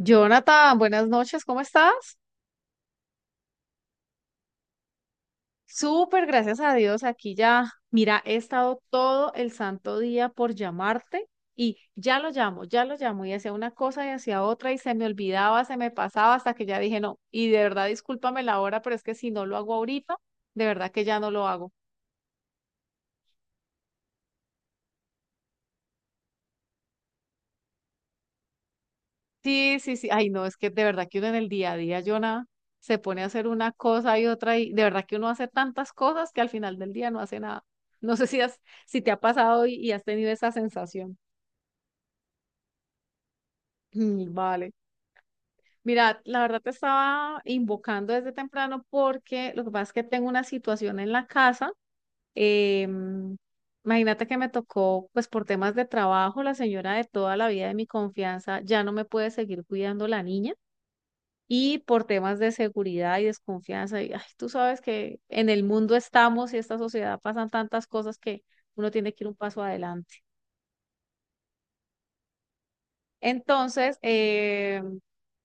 Jonathan, buenas noches, ¿cómo estás? Súper, gracias a Dios, aquí ya, mira, he estado todo el santo día por llamarte y ya lo llamo y hacía una cosa y hacía otra y se me olvidaba, se me pasaba hasta que ya dije no, y de verdad discúlpame la hora, pero es que si no lo hago ahorita, de verdad que ya no lo hago. Sí, sí, sí. Ay, no, es que de verdad que uno en el día a día, Jonah, se pone a hacer una cosa y otra y de verdad que uno hace tantas cosas que al final del día no hace nada. No sé si has, Si te ha pasado y has tenido esa sensación. Mm. Vale. Mira, la verdad te estaba invocando desde temprano porque lo que pasa es que tengo una situación en la casa. em, Imagínate que me tocó, pues por temas de trabajo, la señora de toda la vida de mi confianza ya no me puede seguir cuidando la niña. Y por temas de seguridad y desconfianza. Y, ay, tú sabes que en el mundo estamos y esta sociedad pasan tantas cosas que uno tiene que ir un paso adelante. Entonces,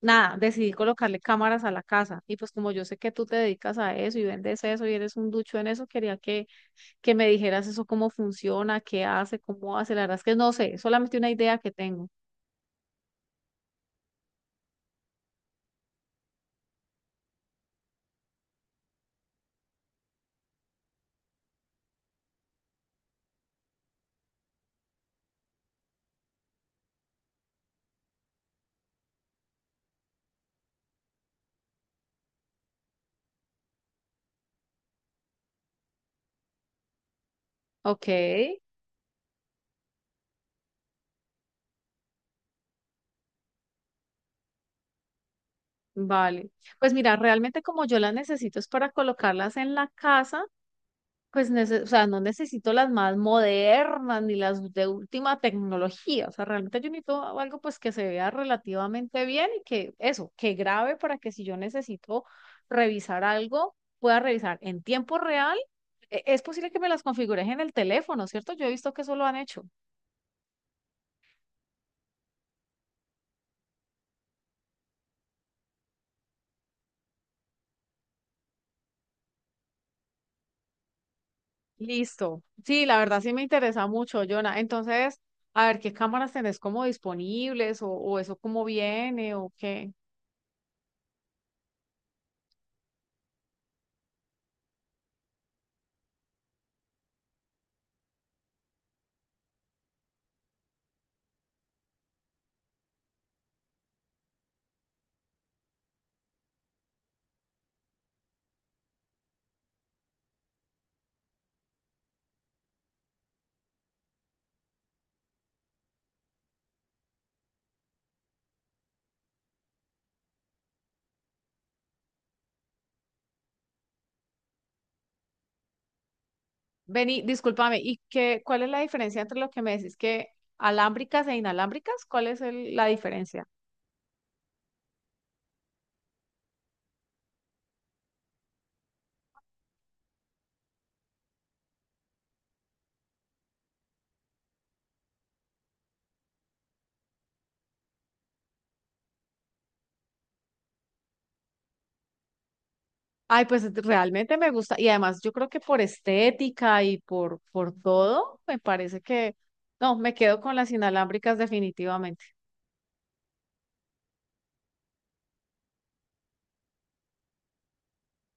nada, decidí colocarle cámaras a la casa y pues como yo sé que tú te dedicas a eso y vendes eso y eres un ducho en eso, que me dijeras eso, cómo funciona, qué hace, cómo hace. La verdad es que no sé, solamente una idea que tengo. Ok. Vale, pues mira, realmente como yo las necesito es para colocarlas en la casa. O sea, no necesito las más modernas ni las de última tecnología. O sea, realmente yo necesito algo pues que se vea relativamente bien y que eso, que grabe para que si yo necesito revisar algo, pueda revisar en tiempo real. ¿Es posible que me las configures en el teléfono, cierto? Yo he visto que eso lo han hecho. Listo. Sí, la verdad sí me interesa mucho, Jonah. Entonces, a ver qué cámaras tenés como disponibles o eso cómo viene o qué. Vení, discúlpame, ¿cuál es la diferencia entre lo que me decís que alámbricas e inalámbricas? ¿Cuál es la diferencia? Ay, pues realmente me gusta y además yo creo que por estética por todo, me parece que no, me quedo con las inalámbricas definitivamente.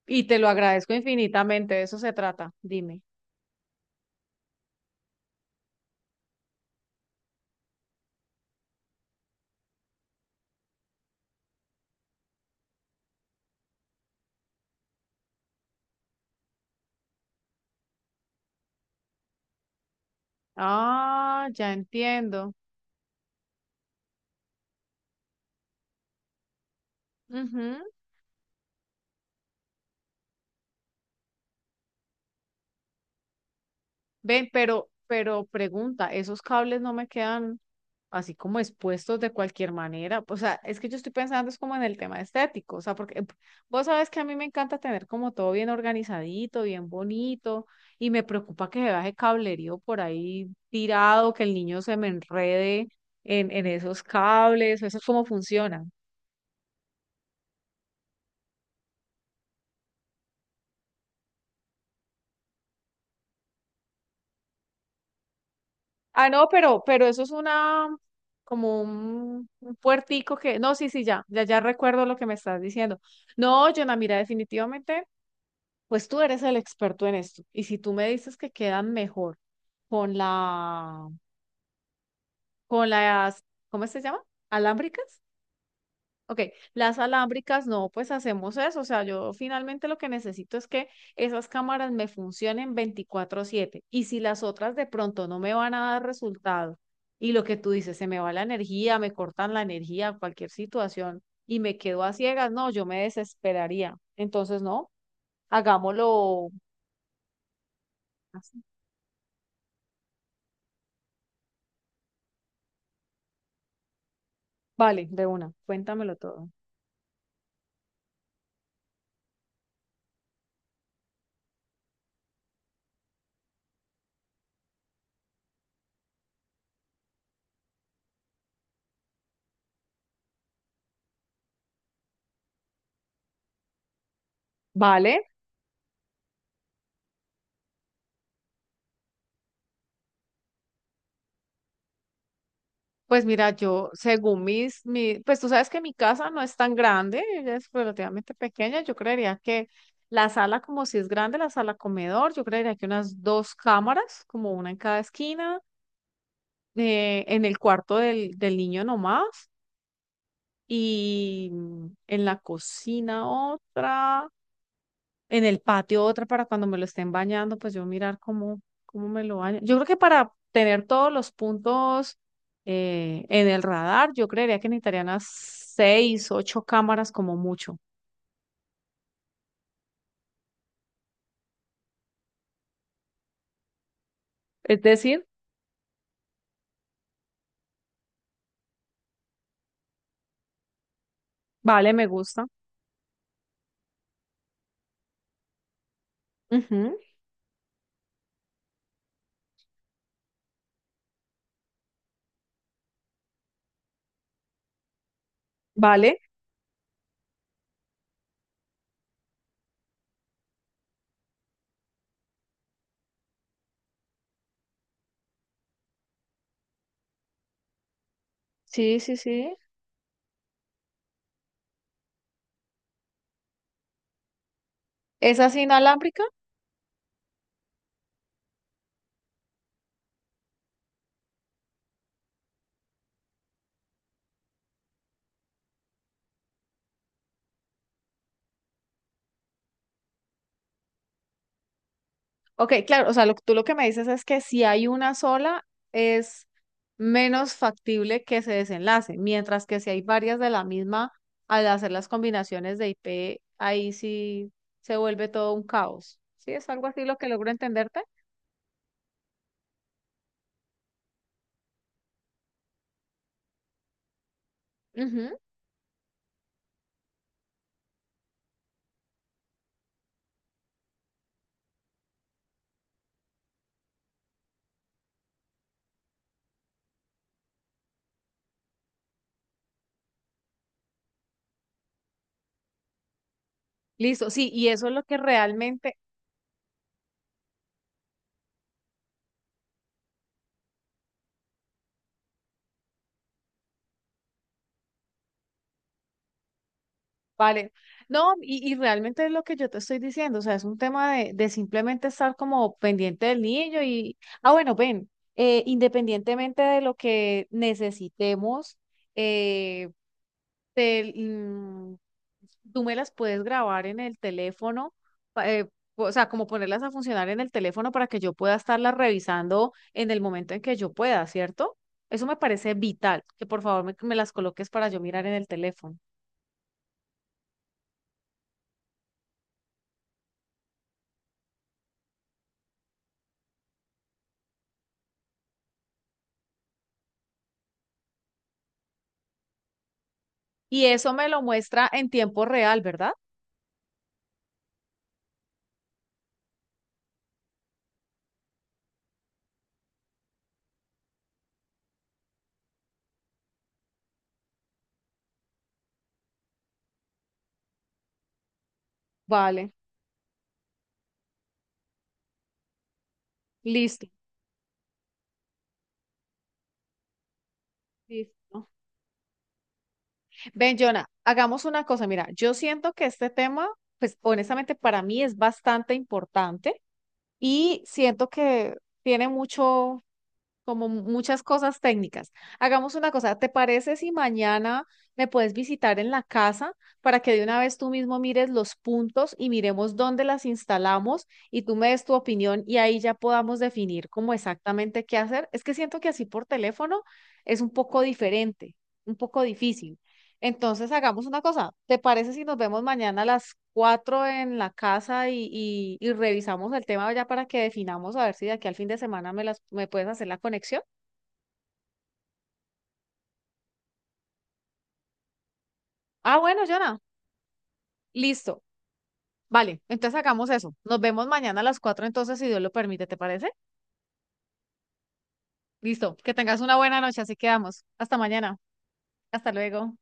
Y te lo agradezco infinitamente, de eso se trata, dime. Ah, ya entiendo. Ujú. Ven, pero pregunta, ¿esos cables no me quedan así como expuestos de cualquier manera? O sea, es que yo estoy pensando es como en el tema estético, o sea, porque vos sabes que a mí me encanta tener como todo bien organizadito, bien bonito, y me preocupa que se baje cablerío por ahí tirado, que el niño se me enrede en esos cables, eso es cómo funciona. Ah, no, pero eso es un puertico que, no, sí, sí, ya recuerdo lo que me estás diciendo. No, Jonah, mira, definitivamente, pues tú eres el experto en esto. Y si tú me dices que quedan mejor con la, con las, ¿cómo se llama? ¿Alámbricas? Ok, las alámbricas, no, pues hacemos eso. O sea, yo finalmente lo que necesito es que esas cámaras me funcionen 24/7. Y si las otras de pronto no me van a dar resultado, y lo que tú dices, se me va la energía, me cortan la energía, cualquier situación, y me quedo a ciegas, no, yo me desesperaría. Entonces, no, hagámoslo así. Vale, de una, cuéntamelo todo. Vale. Pues mira, yo, según mis, mi, pues tú sabes que mi casa no es tan grande, ella es relativamente pequeña, yo creería que la sala, como si es grande, la sala comedor, yo creería que unas dos cámaras, como una en cada esquina, en el cuarto del niño nomás, y en la cocina otra, en el patio otra para cuando me lo estén bañando, pues yo mirar cómo, cómo me lo baño. Yo creo que para tener todos los puntos en el radar, yo creería que necesitaría unas seis, ocho cámaras como mucho. Es decir, vale, me gusta. Ujú. Vale, sí, sí, sí. ¿Esa es inalámbrica? Ok, claro, o sea, tú lo que me dices es que si hay una sola, es menos factible que se desenlace, mientras que si hay varias de la misma, al hacer las combinaciones de IP, ahí sí se vuelve todo un caos. ¿Sí? ¿Es algo así lo que logro entenderte? Ujú. Listo, sí, y eso es lo que realmente. Vale, no, y realmente es lo que yo te estoy diciendo, o sea, es un tema de simplemente estar como pendiente del niño y, ah, bueno, ven, independientemente de lo que necesitemos, eh, te- mm, tú me las puedes grabar en el teléfono, pa- eh, o sea, como ponerlas a funcionar en el teléfono para que yo pueda estarlas revisando en el momento en que yo pueda, ¿cierto? Eso me parece vital, que por favor me las coloques para yo mirar en el teléfono. ¿Y eso me lo muestra en tiempo real, verdad? Vale, listo. Listo. Ven, Jonah, hagamos una cosa. Mira, yo siento que este tema, pues honestamente para mí es bastante importante y siento que tiene mucho, como muchas cosas técnicas. Hagamos una cosa, ¿te parece si mañana me puedes visitar en la casa para que de una vez tú mismo mires los puntos y miremos dónde las instalamos y tú me des tu opinión y ahí ya podamos definir cómo exactamente qué hacer? Es que siento que así por teléfono es un poco diferente, un poco difícil. Entonces hagamos una cosa. ¿Te parece si nos vemos mañana a las 4 en la casa y, y revisamos el tema ya para que definamos a ver si de aquí al fin de semana me puedes hacer la conexión? Ah, bueno, Jonah, listo. Vale, entonces hagamos eso. Nos vemos mañana a las 4. Entonces, si Dios lo permite, ¿te parece? Listo, que tengas una buena noche, así quedamos. Hasta mañana. Hasta luego.